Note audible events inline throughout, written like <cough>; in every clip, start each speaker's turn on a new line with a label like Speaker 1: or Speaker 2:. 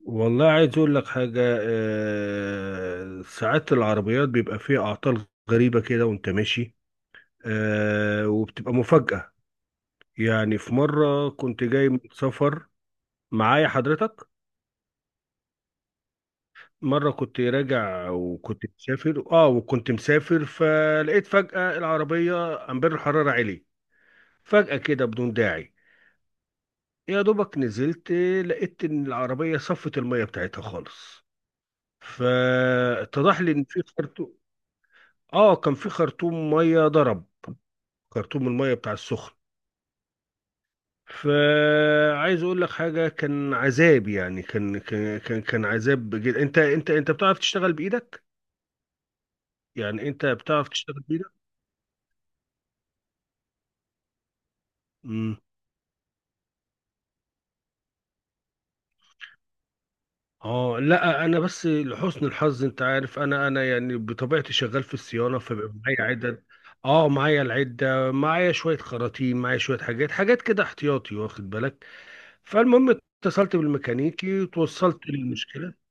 Speaker 1: والله عايز اقول لك حاجة آه، ساعات العربيات بيبقى فيها اعطال غريبة كده وانت ماشي. آه، وبتبقى مفاجأة. يعني في مرة كنت جاي من سفر، معايا حضرتك. مرة كنت راجع وكنت مسافر، وكنت مسافر فلقيت فجأة العربية امبير الحرارة عالي، فجأة كده بدون داعي. يا دوبك نزلت، لقيت ان العربية صفت المية بتاعتها خالص. فاتضح لي ان في خرطوم، اه كان في خرطوم ميه ضرب، خرطوم الميه بتاع السخن. فعايز اقول لك حاجه، كان عذاب. يعني كان عذاب جدا. انت بتعرف تشتغل بايدك؟ يعني انت بتعرف تشتغل بايدك. امم اه، لا انا بس لحسن الحظ انت عارف، انا يعني بطبيعتي شغال في الصيانه، فبيبقى معايا عدد. اه معايا العده، معايا شويه خراطيم، معايا شويه حاجات، كده احتياطي واخد بالك. فالمهم اتصلت بالميكانيكي وتوصلت للمشكله.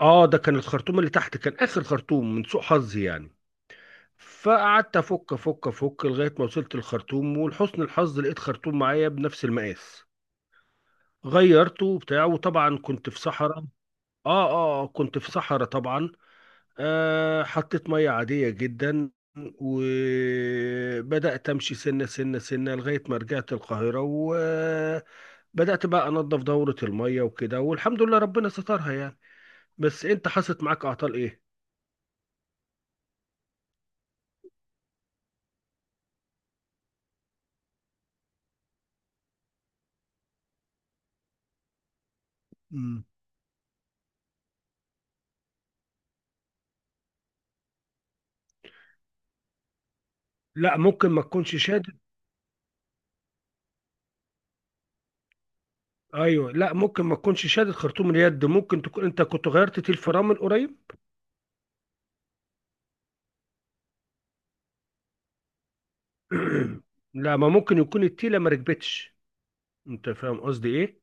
Speaker 1: اه ده كان الخرطوم اللي تحت، كان اخر خرطوم من سوء حظي يعني. فقعدت افك لغايه ما وصلت الخرطوم، ولحسن الحظ لقيت خرطوم معايا بنفس المقاس. غيرته وبتاع، وطبعا كنت في صحراء. كنت في صحراء طبعا. آه حطيت ميه عاديه جدا، وبدات امشي سنه لغايه ما رجعت القاهره، وبدات بقى انظف دوره الميه وكده، والحمد لله ربنا سترها يعني. بس انت حصلت معاك اعطال ايه؟ لا ممكن ما تكونش شادد. ايوه لا ممكن ما تكونش شادد خرطوم اليد، ممكن تكون انت كنت غيرت تيل فرامل من قريب. <clears throat> لا ما ممكن يكون التيله ما ركبتش. انت فاهم قصدي ايه؟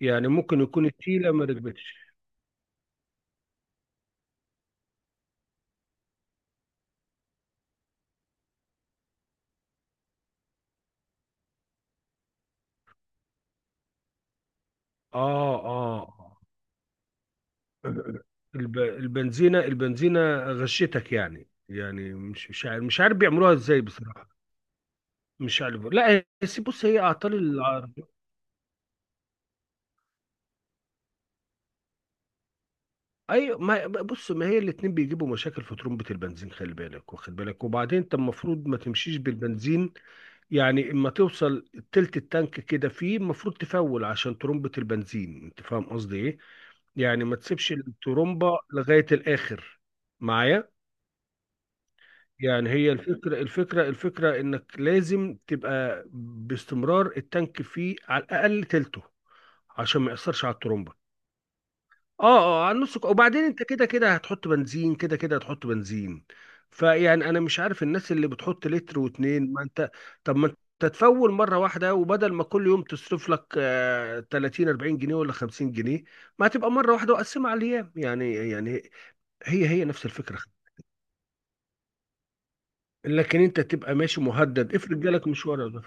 Speaker 1: يعني ممكن يكون التيله ما ركبتش. اه اه آه. البنزينه غشتك. يعني يعني مش عارف، مش عارف بيعملوها ازاي بصراحه. مش عارف، لا هي- بس بص، هي اعطال العرب. ايوه ما بص، ما هي الاتنين بيجيبوا مشاكل في ترمبة البنزين، خلي بالك واخد بالك. وبعدين انت المفروض ما تمشيش بالبنزين، يعني اما توصل تلت التانك كده، فيه المفروض تفول عشان ترمبة البنزين، انت فاهم قصدي ايه؟ يعني ما تسيبش الترمبة لغاية الاخر، معايا؟ يعني هي الفكرة انك لازم تبقى باستمرار التانك فيه على الاقل تلته، عشان ما يأثرش على الترمبة. اه، اه على النص. وبعدين انت كده كده هتحط بنزين، كده كده هتحط بنزين. فيعني انا مش عارف الناس اللي بتحط لتر واتنين، ما انت طب ما انت تفول مره واحده، وبدل ما كل يوم تصرف لك آه 30 40 جنيه ولا 50 جنيه، ما هتبقى مره واحده وقسمها على الايام يعني يعني. هي هي نفس الفكره. لكن انت تبقى ماشي مهدد، افرض جالك مشوار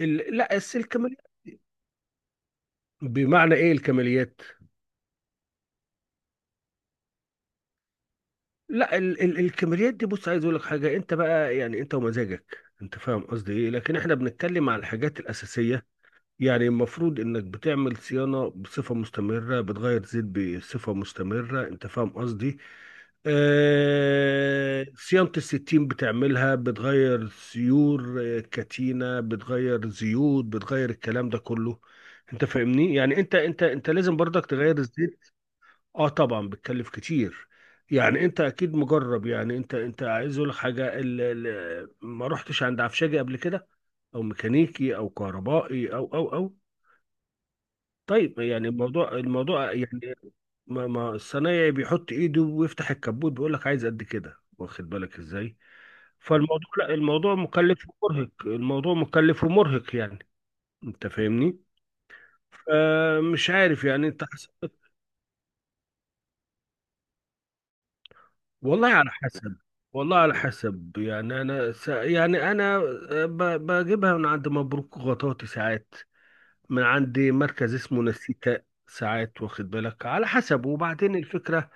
Speaker 1: لا السلك مليان. بمعنى ايه الكماليات؟ لا ال الكاميرات دي، بص عايز اقول لك حاجه، انت بقى يعني انت ومزاجك، انت فاهم قصدي ايه؟ لكن احنا بنتكلم على الحاجات الاساسيه. يعني المفروض انك بتعمل صيانه بصفه مستمره، بتغير زيت بصفه مستمره، انت فاهم قصدي؟ آه، صيانه الستين بتعملها، بتغير سيور آه، كتينه، بتغير زيوت، بتغير الكلام ده كله. انت فاهمني؟ يعني انت لازم برضك تغير الزيت. اه طبعا بتكلف كتير. يعني انت اكيد مجرب. يعني انت عايز اقول لك حاجه، ما رحتش عند عفشاجي قبل كده، او ميكانيكي او كهربائي او؟ طيب يعني الموضوع يعني، ما ما الصنايعي بيحط ايده ويفتح الكبوت، بيقول لك عايز قد كده، واخد بالك ازاي؟ فالموضوع، لا الموضوع مكلف ومرهق، الموضوع مكلف ومرهق يعني. انت فاهمني؟ فمش عارف يعني انت. والله على حسب، والله على حسب. يعني انا يعني انا آه، بجيبها من عند مبروك غطاطي ساعات، من عند مركز اسمه نسيكا ساعات، واخد بالك؟ على حسب. وبعدين الفكرة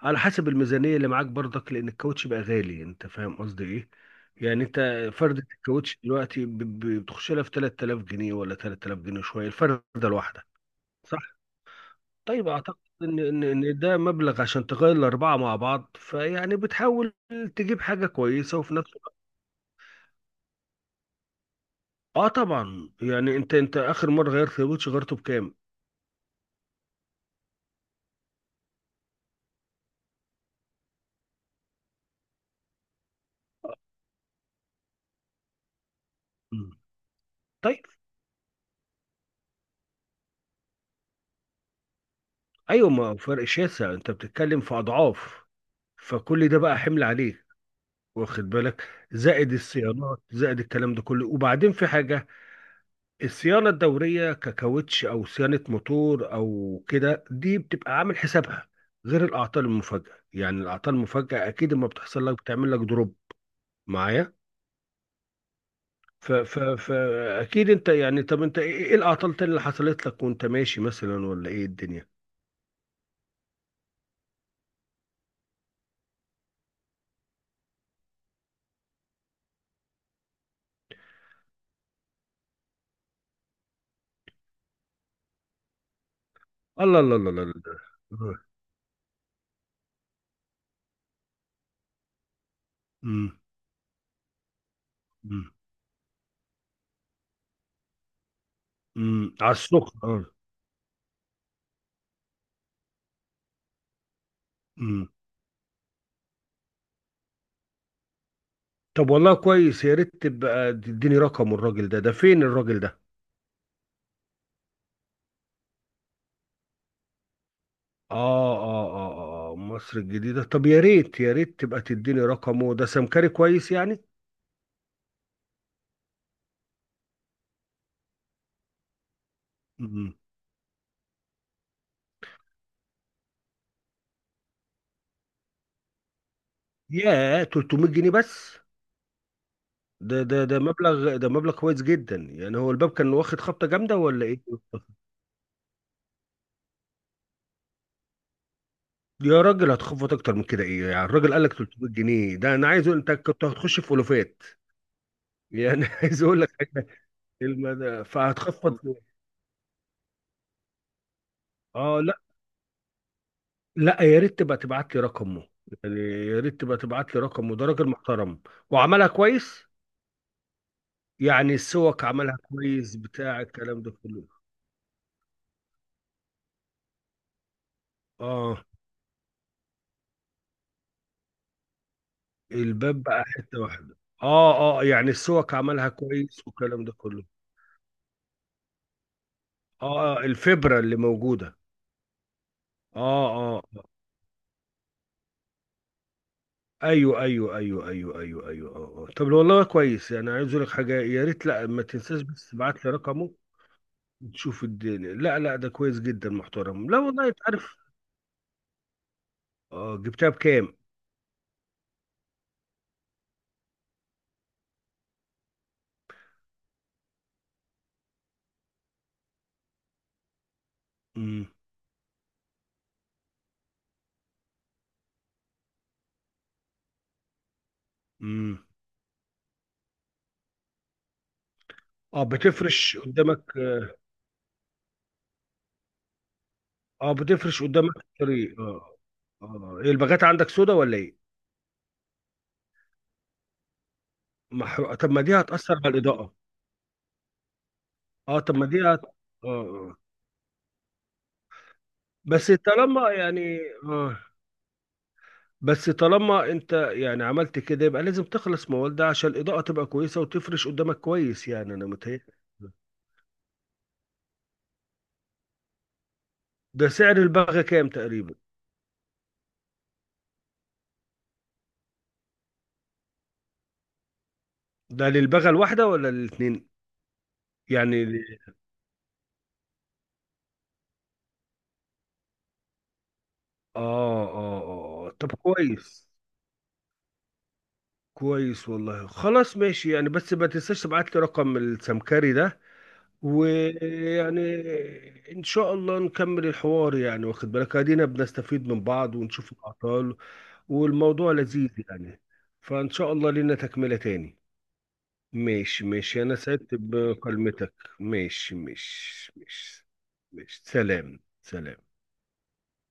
Speaker 1: على حسب الميزانية اللي معاك برضك، لان الكاوتش بقى غالي، انت فاهم قصدي ايه؟ يعني انت فردة الكاوتش دلوقتي بتخش لها في 3000 جنيه ولا 3000 جنيه شوية، الفردة الواحدة. طيب اعتقد ان إن ده مبلغ عشان تغير الاربعه مع بعض، فيعني بتحاول تجيب حاجه كويسه، وفي نفس الوقت. اه طبعا يعني انت، انت اخر مره غيرت الوتش غيرته بكام؟ مم. طيب. ايوه ما هو فرق شاسع، انت بتتكلم في اضعاف. فكل ده بقى حمل عليك، واخد بالك؟ زائد الصيانات، زائد الكلام ده كله. وبعدين في حاجه، الصيانة الدورية ككاوتش أو صيانة موتور أو كده، دي بتبقى عامل حسابها، غير الأعطال المفاجئة. يعني الأعطال المفاجئة أكيد لما بتحصل لك بتعمل لك دروب، معايا؟ ف ف ف أكيد أنت يعني، طب أنت إيه، إيه الأعطال تاني اللي حصلت لك وأنت ماشي مثلا، ولا إيه الدنيا؟ الله الله. أمم، أمم، أمم، على السخن، أه. أمم. طب والله كويس، يا ريت تبقى تديني رقم الراجل ده، ده فين الراجل ده؟ مصر الجديدة، طب يا ريت تبقى تديني رقمه، ده سمكري كويس يعني. مم. ياه، 300 جنيه بس؟ ده مبلغ، ده مبلغ كويس جدا يعني. هو الباب كان واخد خبطة جامدة ولا إيه؟ يا راجل هتخفض أكتر من كده إيه؟ يعني الراجل قال لك 300 جنيه، ده أنا عايز أقول أنت كنت هتخش في ألوفات. يعني <laughs> عايز أقول لك حاجة، المدى فهتخفض. آه لا، لا يا ريت تبقى تبعت لي رقمه. يعني يا ريت تبقى تبعت لي رقمه، ده راجل محترم وعملها كويس. يعني السوق عملها كويس بتاع الكلام ده كله. اه، الباب بقى حتة واحدة. اه اه، يعني السوق عملها كويس والكلام ده كله. اه آه، الفبرة اللي موجودة. اه اه آه. ايوه اه آه. طب والله كويس، يعني عايز اقول لك حاجة، يا ريت لا ما تنساش بس تبعت لي رقمه، تشوف الدنيا. لا لا ده كويس جدا، محترم، لا والله انت عارف. اه جبتها بكام؟ امم. امم. اه بتفرش قدامك. اه بتفرش قدامك الطريق، اه. اه إيه الباغات عندك سودا ولا ايه؟ محروقه؟ طب ما دي هتأثر على الإضاءة. اه طب ما دي اه آه. بس طالما يعني، اه، بس طالما انت يعني عملت كده، يبقى لازم تخلص موال ده عشان الإضاءة تبقى كويسة وتفرش قدامك كويس، يعني انا متهيألي. ده سعر الباغة كام تقريبا؟ ده للباغة الواحدة ولا الاتنين؟ يعني ل- اه اه اه آه. طب كويس، كويس والله، خلاص ماشي يعني، بس ما تنساش تبعت لي رقم السمكري ده. ويعني ان شاء الله نكمل الحوار، يعني واخد بالك ادينا بنستفيد من بعض، ونشوف الاعطال، والموضوع لذيذ يعني. فان شاء الله لنا تكملة تاني. ماشي ماشي، انا سعدت بكلمتك. ماشي ماشي ماشي ماشي سلام، سلام.